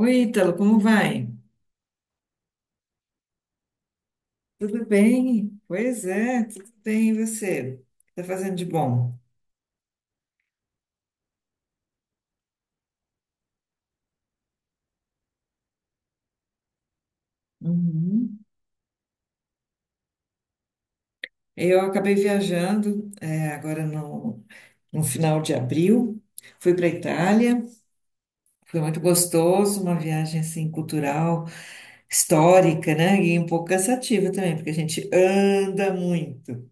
Oi, Ítalo, como vai? Tudo bem? Pois é, tudo bem. E você? O que tá fazendo de bom? Uhum. Eu acabei viajando, agora no final de abril. Fui para Itália, foi muito gostoso, uma viagem assim cultural, histórica, né? E um pouco cansativa também, porque a gente anda muito.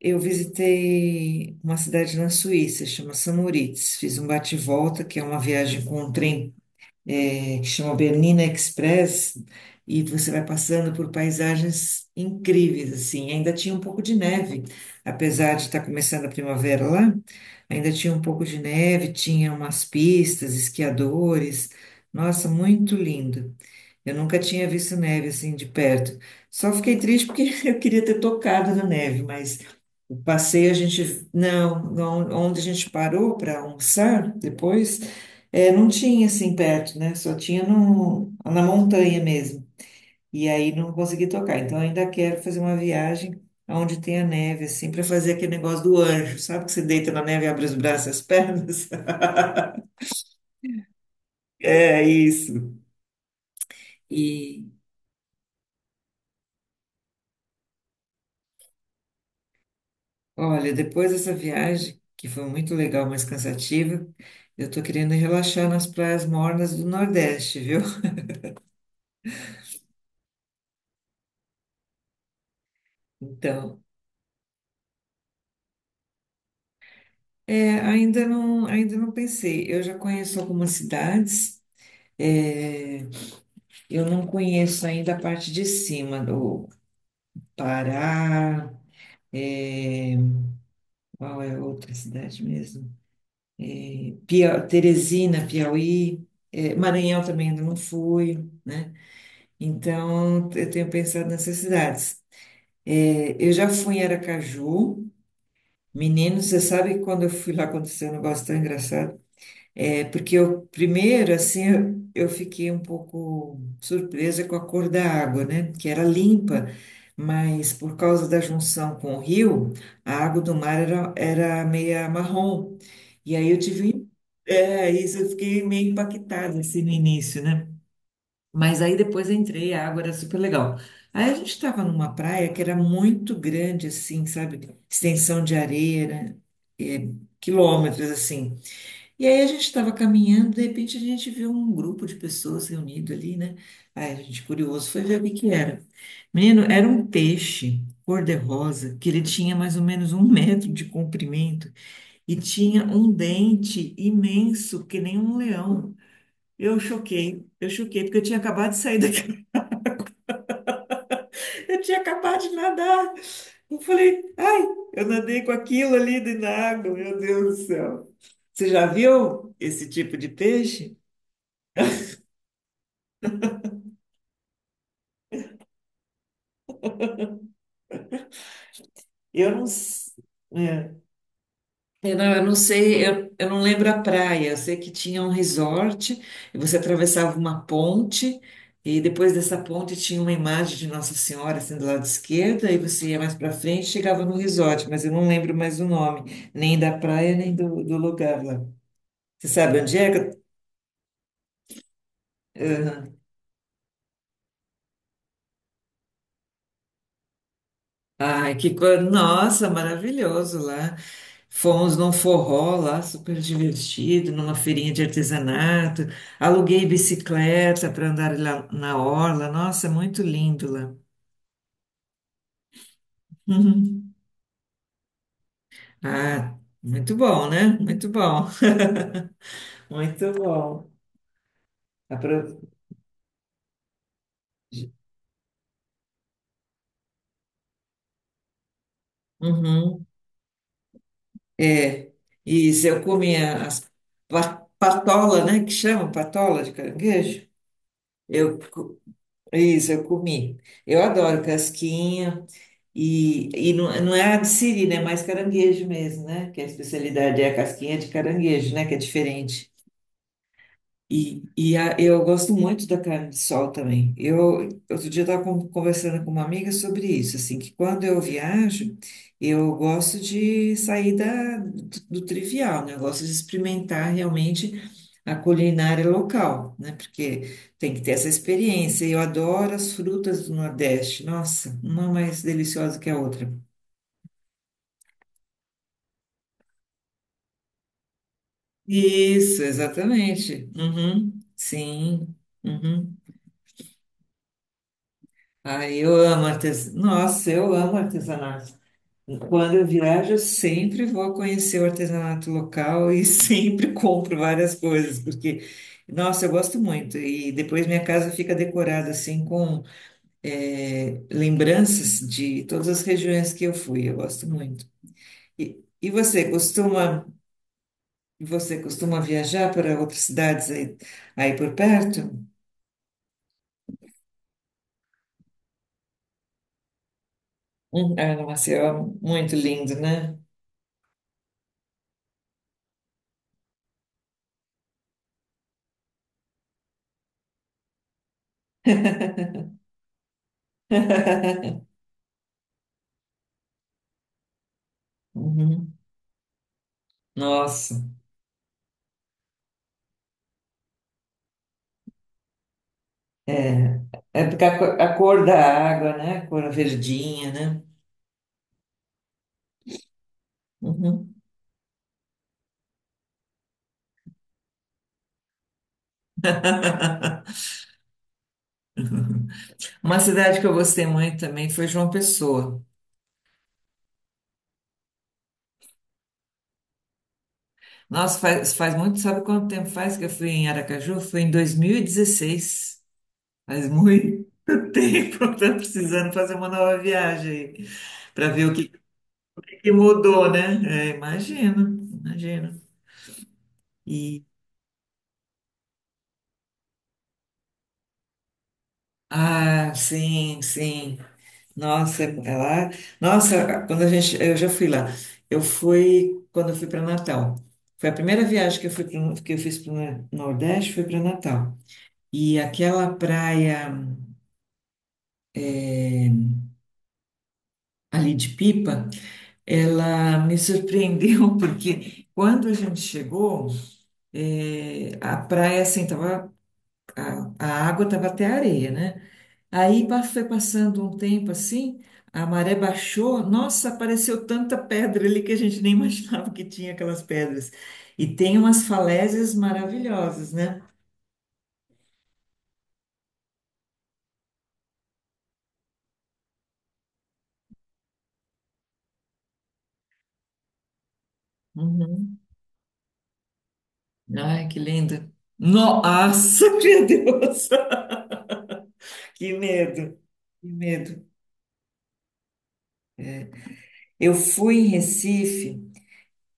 Eu visitei uma cidade na Suíça, chama Samoritz. Fiz um bate-volta, que é uma viagem com um trem que chama Bernina Express, e você vai passando por paisagens incríveis, assim. Ainda tinha um pouco de neve, apesar de estar começando a primavera lá, ainda tinha um pouco de neve, tinha umas pistas, esquiadores. Nossa, muito lindo. Eu nunca tinha visto neve assim de perto. Só fiquei triste porque eu queria ter tocado na neve, mas o passeio a gente. Não, onde a gente parou para almoçar depois, não tinha assim perto, né? Só tinha no, na montanha mesmo. E aí não consegui tocar. Então ainda quero fazer uma viagem onde tenha neve, assim, para fazer aquele negócio do anjo. Sabe que você deita na neve e abre os braços e as pernas? É isso. E olha, depois dessa viagem, que foi muito legal, mas cansativa, eu tô querendo relaxar nas praias mornas do Nordeste, viu? Então, é, ainda não pensei. Eu já conheço algumas cidades, é, eu não conheço ainda a parte de cima do Pará, é, qual é outra cidade mesmo? Teresina, Piauí, é, Maranhão também ainda não fui, né? Então, eu tenho pensado nessas cidades. É, eu já fui em Aracaju. Menino, você sabe que quando eu fui lá aconteceu um negócio tão engraçado? É, porque eu, primeiro, assim, eu fiquei um pouco surpresa com a cor da água, né? Que era limpa, mas por causa da junção com o rio, a água do mar era meia marrom. E aí eu tive, é, isso eu fiquei meio impactada, assim, no início, né? Mas aí depois eu entrei, a água era super legal. Aí a gente estava numa praia que era muito grande, assim, sabe? Extensão de areia, né? É, quilômetros, assim. E aí a gente estava caminhando, de repente a gente viu um grupo de pessoas reunido ali, né? Aí a gente, curioso, foi ver o que que era. Menino, era um peixe cor-de-rosa, que ele tinha mais ou menos um metro de comprimento e tinha um dente imenso, que nem um leão. Eu choquei, porque eu tinha acabado de sair. Eu tinha acabado de nadar. Eu falei, ai, eu nadei com aquilo ali dentro da água, meu Deus do céu. Você já viu esse tipo de peixe? Eu não, s- é. Eu não sei, eu não lembro a praia. Eu sei que tinha um resort, e você atravessava uma ponte, e depois dessa ponte tinha uma imagem de Nossa Senhora assim do lado esquerdo, aí você ia mais para frente e chegava no resort, mas eu não lembro mais o nome, nem da praia, nem do lugar lá. Você sabe onde é? Aham. Ai, que coisa. Nossa, maravilhoso lá. Fomos num forró lá, super divertido, numa feirinha de artesanato. Aluguei bicicleta para andar lá na orla. Nossa, muito lindo lá. Ah, muito bom, né? Muito bom. Muito bom. Apro- Uhum. É. Isso, eu comia as patola, né? Que chama patola de caranguejo. Eu, co- isso, eu comi. Eu adoro casquinha. E não, não é a de siri, né? É mais caranguejo mesmo, né? Que a especialidade é a casquinha de caranguejo, né? Que é diferente. Eu gosto muito da carne de sol também. Eu, outro dia eu estava conversando com uma amiga sobre isso, assim, que quando eu viajo, eu gosto de sair do trivial, né? Eu gosto de experimentar realmente a culinária local, né? Porque tem que ter essa experiência. Eu adoro as frutas do Nordeste. Nossa, uma mais deliciosa que a outra. Isso, exatamente. Uhum, sim. Uhum. Ai, eu amo artesanato. Nossa, eu amo artesanato. Quando eu viajo, eu sempre vou conhecer o artesanato local e sempre compro várias coisas, porque, nossa, eu gosto muito. E depois minha casa fica decorada assim com lembranças de todas as regiões que eu fui. Eu gosto muito. E, e você costuma, você costuma viajar para outras cidades aí, aí por perto? É, nossa, é muito lindo, né? Uhum. Nossa, é, é porque a cor da água, né? A cor verdinha, né? Uhum. Uma cidade que eu gostei muito também foi João Pessoa. Nossa, faz, faz muito, sabe quanto tempo faz que eu fui em Aracaju? Foi em 2016. Faz muito tempo, tô precisando fazer uma nova viagem para ver o que, que mudou, né? É, imagino, imagino. Ah, sim, sim. Nossa, é lá. Nossa, quando a gente, eu já fui lá. Eu fui quando eu fui para Natal. Foi a primeira viagem que eu que eu fiz para o Nordeste, foi para Natal. E aquela praia ali de Pipa, ela me surpreendeu porque quando a gente chegou, a praia assim tava, a água estava até a areia, né? Foi passando um tempo assim, a maré baixou, nossa, apareceu tanta pedra ali que a gente nem imaginava que tinha aquelas pedras. E tem umas falésias maravilhosas, né? Uhum. Ai, que lindo! Nossa, meu Deus! Que medo, que medo. Eu fui em Recife,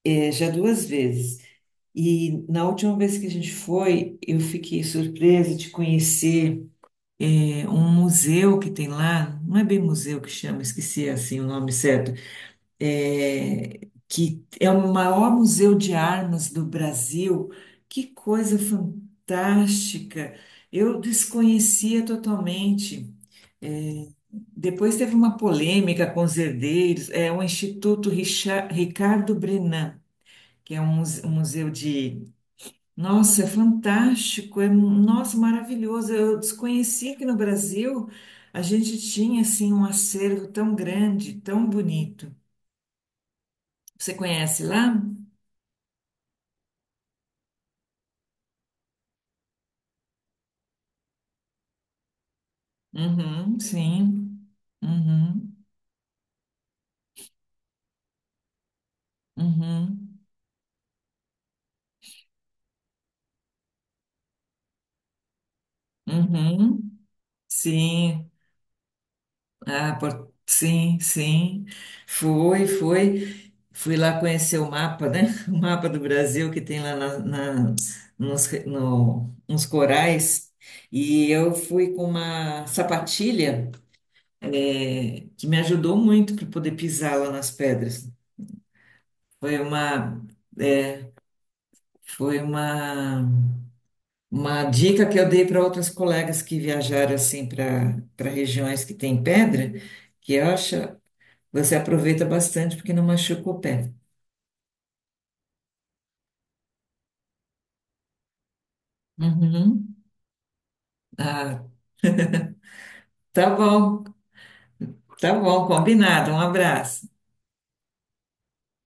já 2 vezes. E na última vez que a gente foi, eu fiquei surpresa de conhecer um museu que tem lá, não é bem museu que chama, esqueci assim o nome certo, é, que é o maior museu de armas do Brasil. Que coisa fantástica! Eu desconhecia totalmente. Depois teve uma polêmica com os herdeiros, é o Ricardo Brenan, que é um um museu de nossa, é fantástico, é nossa, maravilhoso. Eu desconhecia que no Brasil a gente tinha assim um acervo tão grande, tão bonito. Você conhece lá? Uhum, sim. Uhum, uhum, uhum. Sim. Sim, sim. Foi, foi. Fui lá conhecer o mapa, né? O mapa do Brasil que tem lá nos, re- no- nos corais. E eu fui com uma sapatilha, que me ajudou muito para poder pisar lá nas pedras. Foi uma, eh, foi uma dica que eu dei para outras colegas que viajaram assim para para regiões que tem pedra, que eu acho. Você aproveita bastante porque não machuca o pé. Uhum. Ah, tá bom, tá bom, combinado. Um abraço.